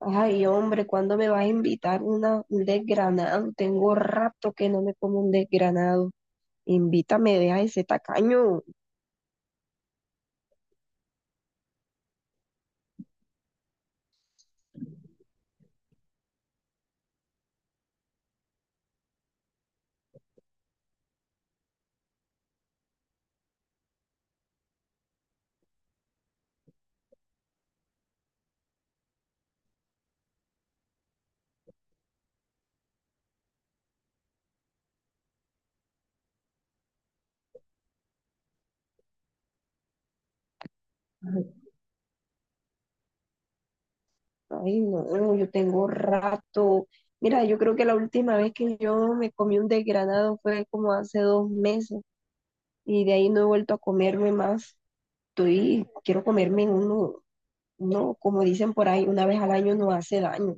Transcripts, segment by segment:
Ay, hombre, ¿cuándo me vas a invitar un desgranado? Tengo rato que no me como un desgranado. Invítame, deja ese tacaño. Ay, no, yo tengo rato. Mira, yo creo que la última vez que yo me comí un desgranado fue como hace 2 meses y de ahí no he vuelto a comerme más. Quiero comerme uno, no, como dicen por ahí, una vez al año no hace daño.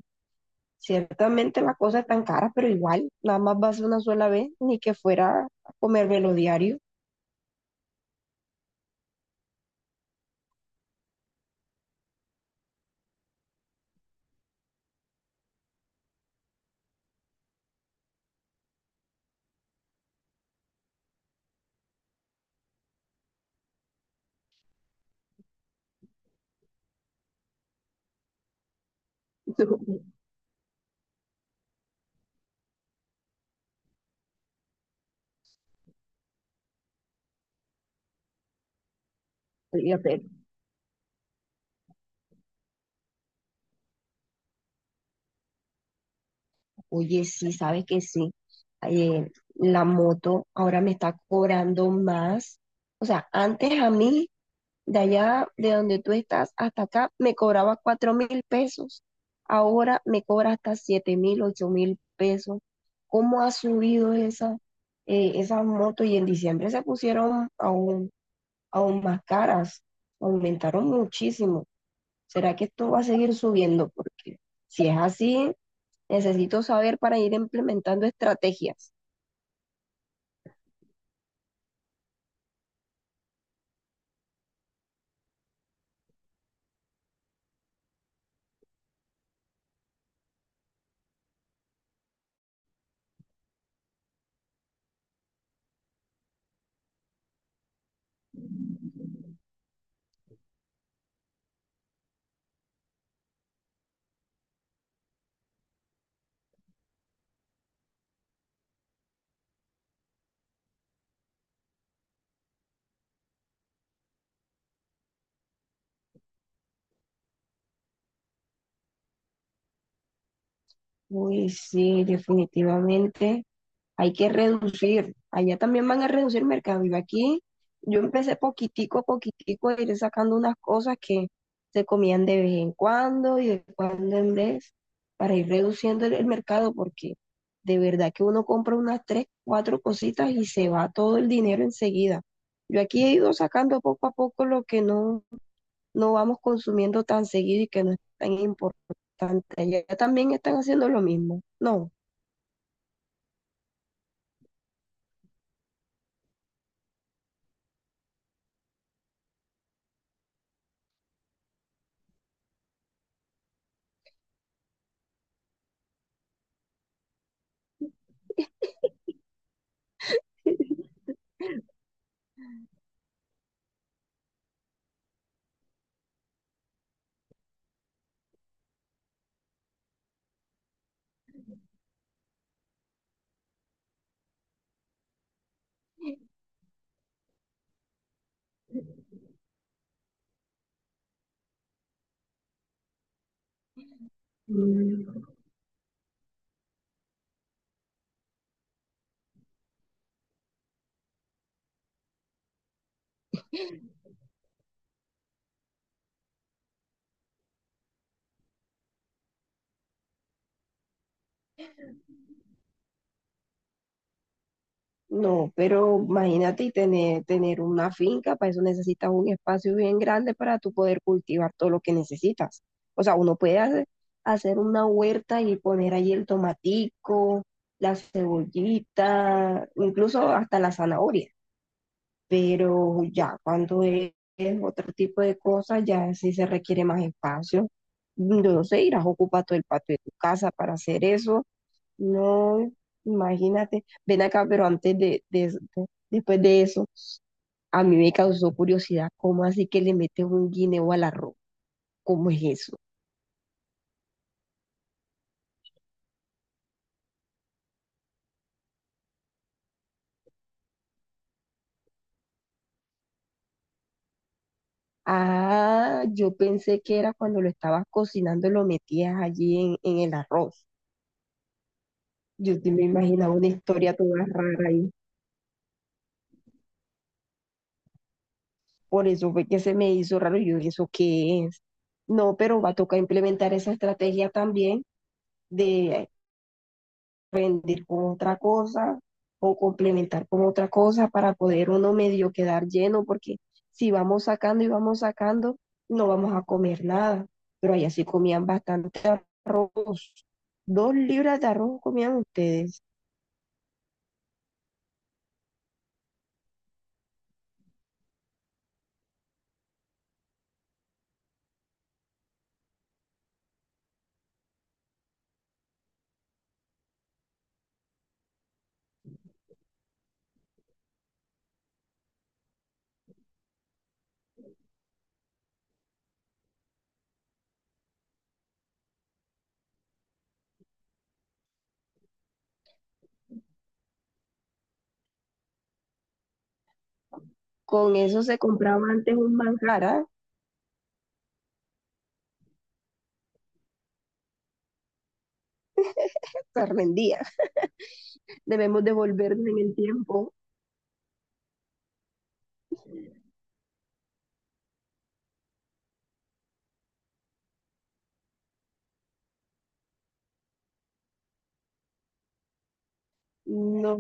Ciertamente las cosas están caras, pero igual, nada más va a ser una sola vez, ni que fuera a comérmelo diario. Fíjate. Oye, sí, sabes que sí. La moto ahora me está cobrando más. O sea, antes a mí, de allá de donde tú estás hasta acá, me cobraba 4.000 pesos. Ahora me cobra hasta 7.000, 8.000 pesos. ¿Cómo ha subido esas motos? Y en diciembre se pusieron aún más caras. Aumentaron muchísimo. ¿Será que esto va a seguir subiendo? Porque si es así, necesito saber para ir implementando estrategias. Uy, sí, definitivamente hay que reducir. Allá también van a reducir mercado. Y aquí yo empecé poquitico a poquitico a ir sacando unas cosas que se comían de vez en cuando y de cuando en vez para ir reduciendo el mercado, porque de verdad que uno compra unas tres, cuatro cositas y se va todo el dinero enseguida. Yo aquí he ido sacando poco a poco lo que no vamos consumiendo tan seguido y que no es tan importante. Allá también están haciendo lo mismo. No. Mm, no, pero imagínate, y tener una finca, para eso necesitas un espacio bien grande para tú poder cultivar todo lo que necesitas. O sea, uno puede hacer una huerta y poner allí el tomatico, la cebollita, incluso hasta la zanahoria, pero ya cuando es otro tipo de cosas, ya sí se requiere más espacio. Yo no sé, irás a ocupar todo el patio de tu casa para hacer eso. No, imagínate. Ven acá, pero antes después de eso, a mí me causó curiosidad, ¿cómo así que le metes un guineo al arroz? ¿Cómo es eso? Ah, yo pensé que era cuando lo estabas cocinando, lo metías allí en el arroz. Yo sí me imaginaba una historia toda rara ahí. Por eso fue que se me hizo raro. Yo dije, ¿eso qué es? No, pero va a tocar implementar esa estrategia también, de rendir con otra cosa o complementar con otra cosa para poder uno medio quedar lleno, porque si vamos sacando y vamos sacando, no vamos a comer nada. Pero allá sí comían bastante arroz. 2 libras de arroz comían ustedes. Con eso se compraba antes un manjar, ¿ah? Se rendía. Debemos devolvernos en el tiempo. No,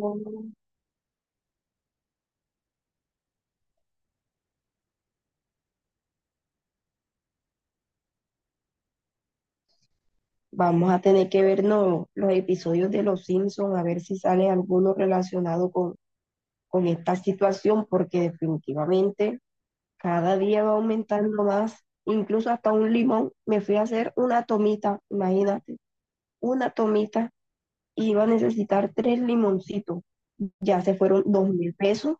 vamos a tener que vernos los episodios de Los Simpsons, a ver si sale alguno relacionado con esta situación, porque definitivamente cada día va aumentando más, incluso hasta un limón. Me fui a hacer una tomita, imagínate, una tomita, y iba a necesitar tres limoncitos. Ya se fueron 2.000 pesos.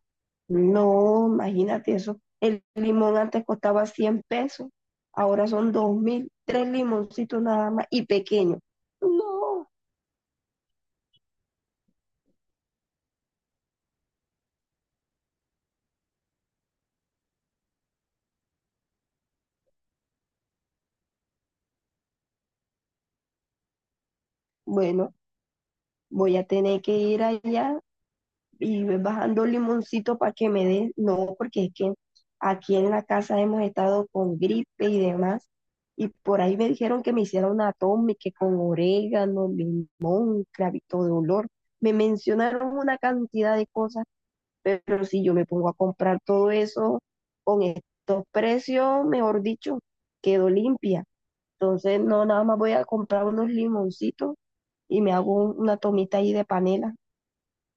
No, imagínate eso. El limón antes costaba 100 pesos, ahora son 2.000, tres limoncitos nada más y pequeños. No. Bueno, voy a tener que ir allá y ir bajando el limoncito para que me dé. No, porque es que aquí en la casa hemos estado con gripe y demás. Y por ahí me dijeron que me hiciera una toma y que con orégano, limón, clavito de olor. Me mencionaron una cantidad de cosas, pero si yo me pongo a comprar todo eso con estos precios, mejor dicho, quedo limpia. Entonces, no, nada más voy a comprar unos limoncitos y me hago un- una tomita ahí de panela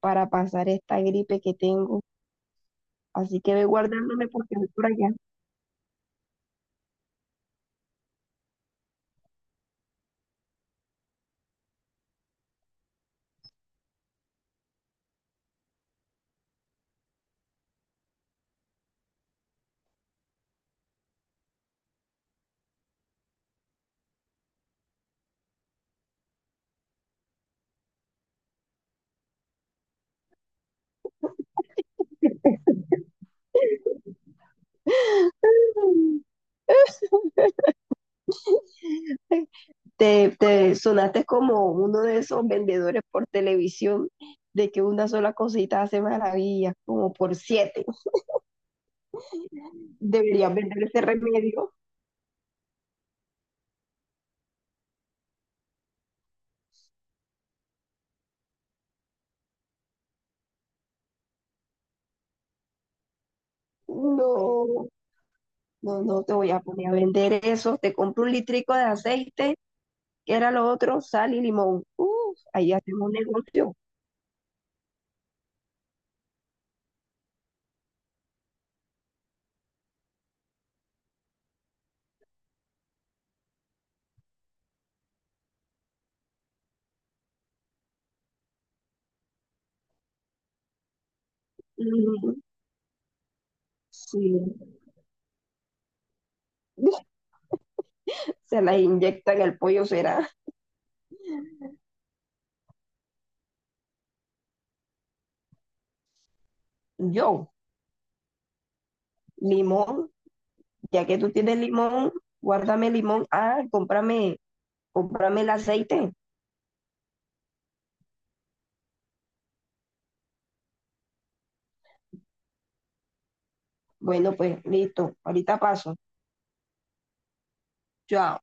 para pasar esta gripe que tengo. Así que ve guardándome porque voy por allá. Te sonaste como uno de esos vendedores por televisión, de que una sola cosita hace maravillas, como por siete. Deberías vender ese remedio. No, no, no te voy a poner a vender eso. Te compro un litrico de aceite, que era lo otro, sal y limón. Uf, ahí hacemos un negocio. Mm, sí. Se las inyecta en el pollo, será. Yo, limón, ya que tú tienes limón, guárdame limón, ah, cómprame, cómprame el aceite. Bueno, pues listo, ahorita paso, chao.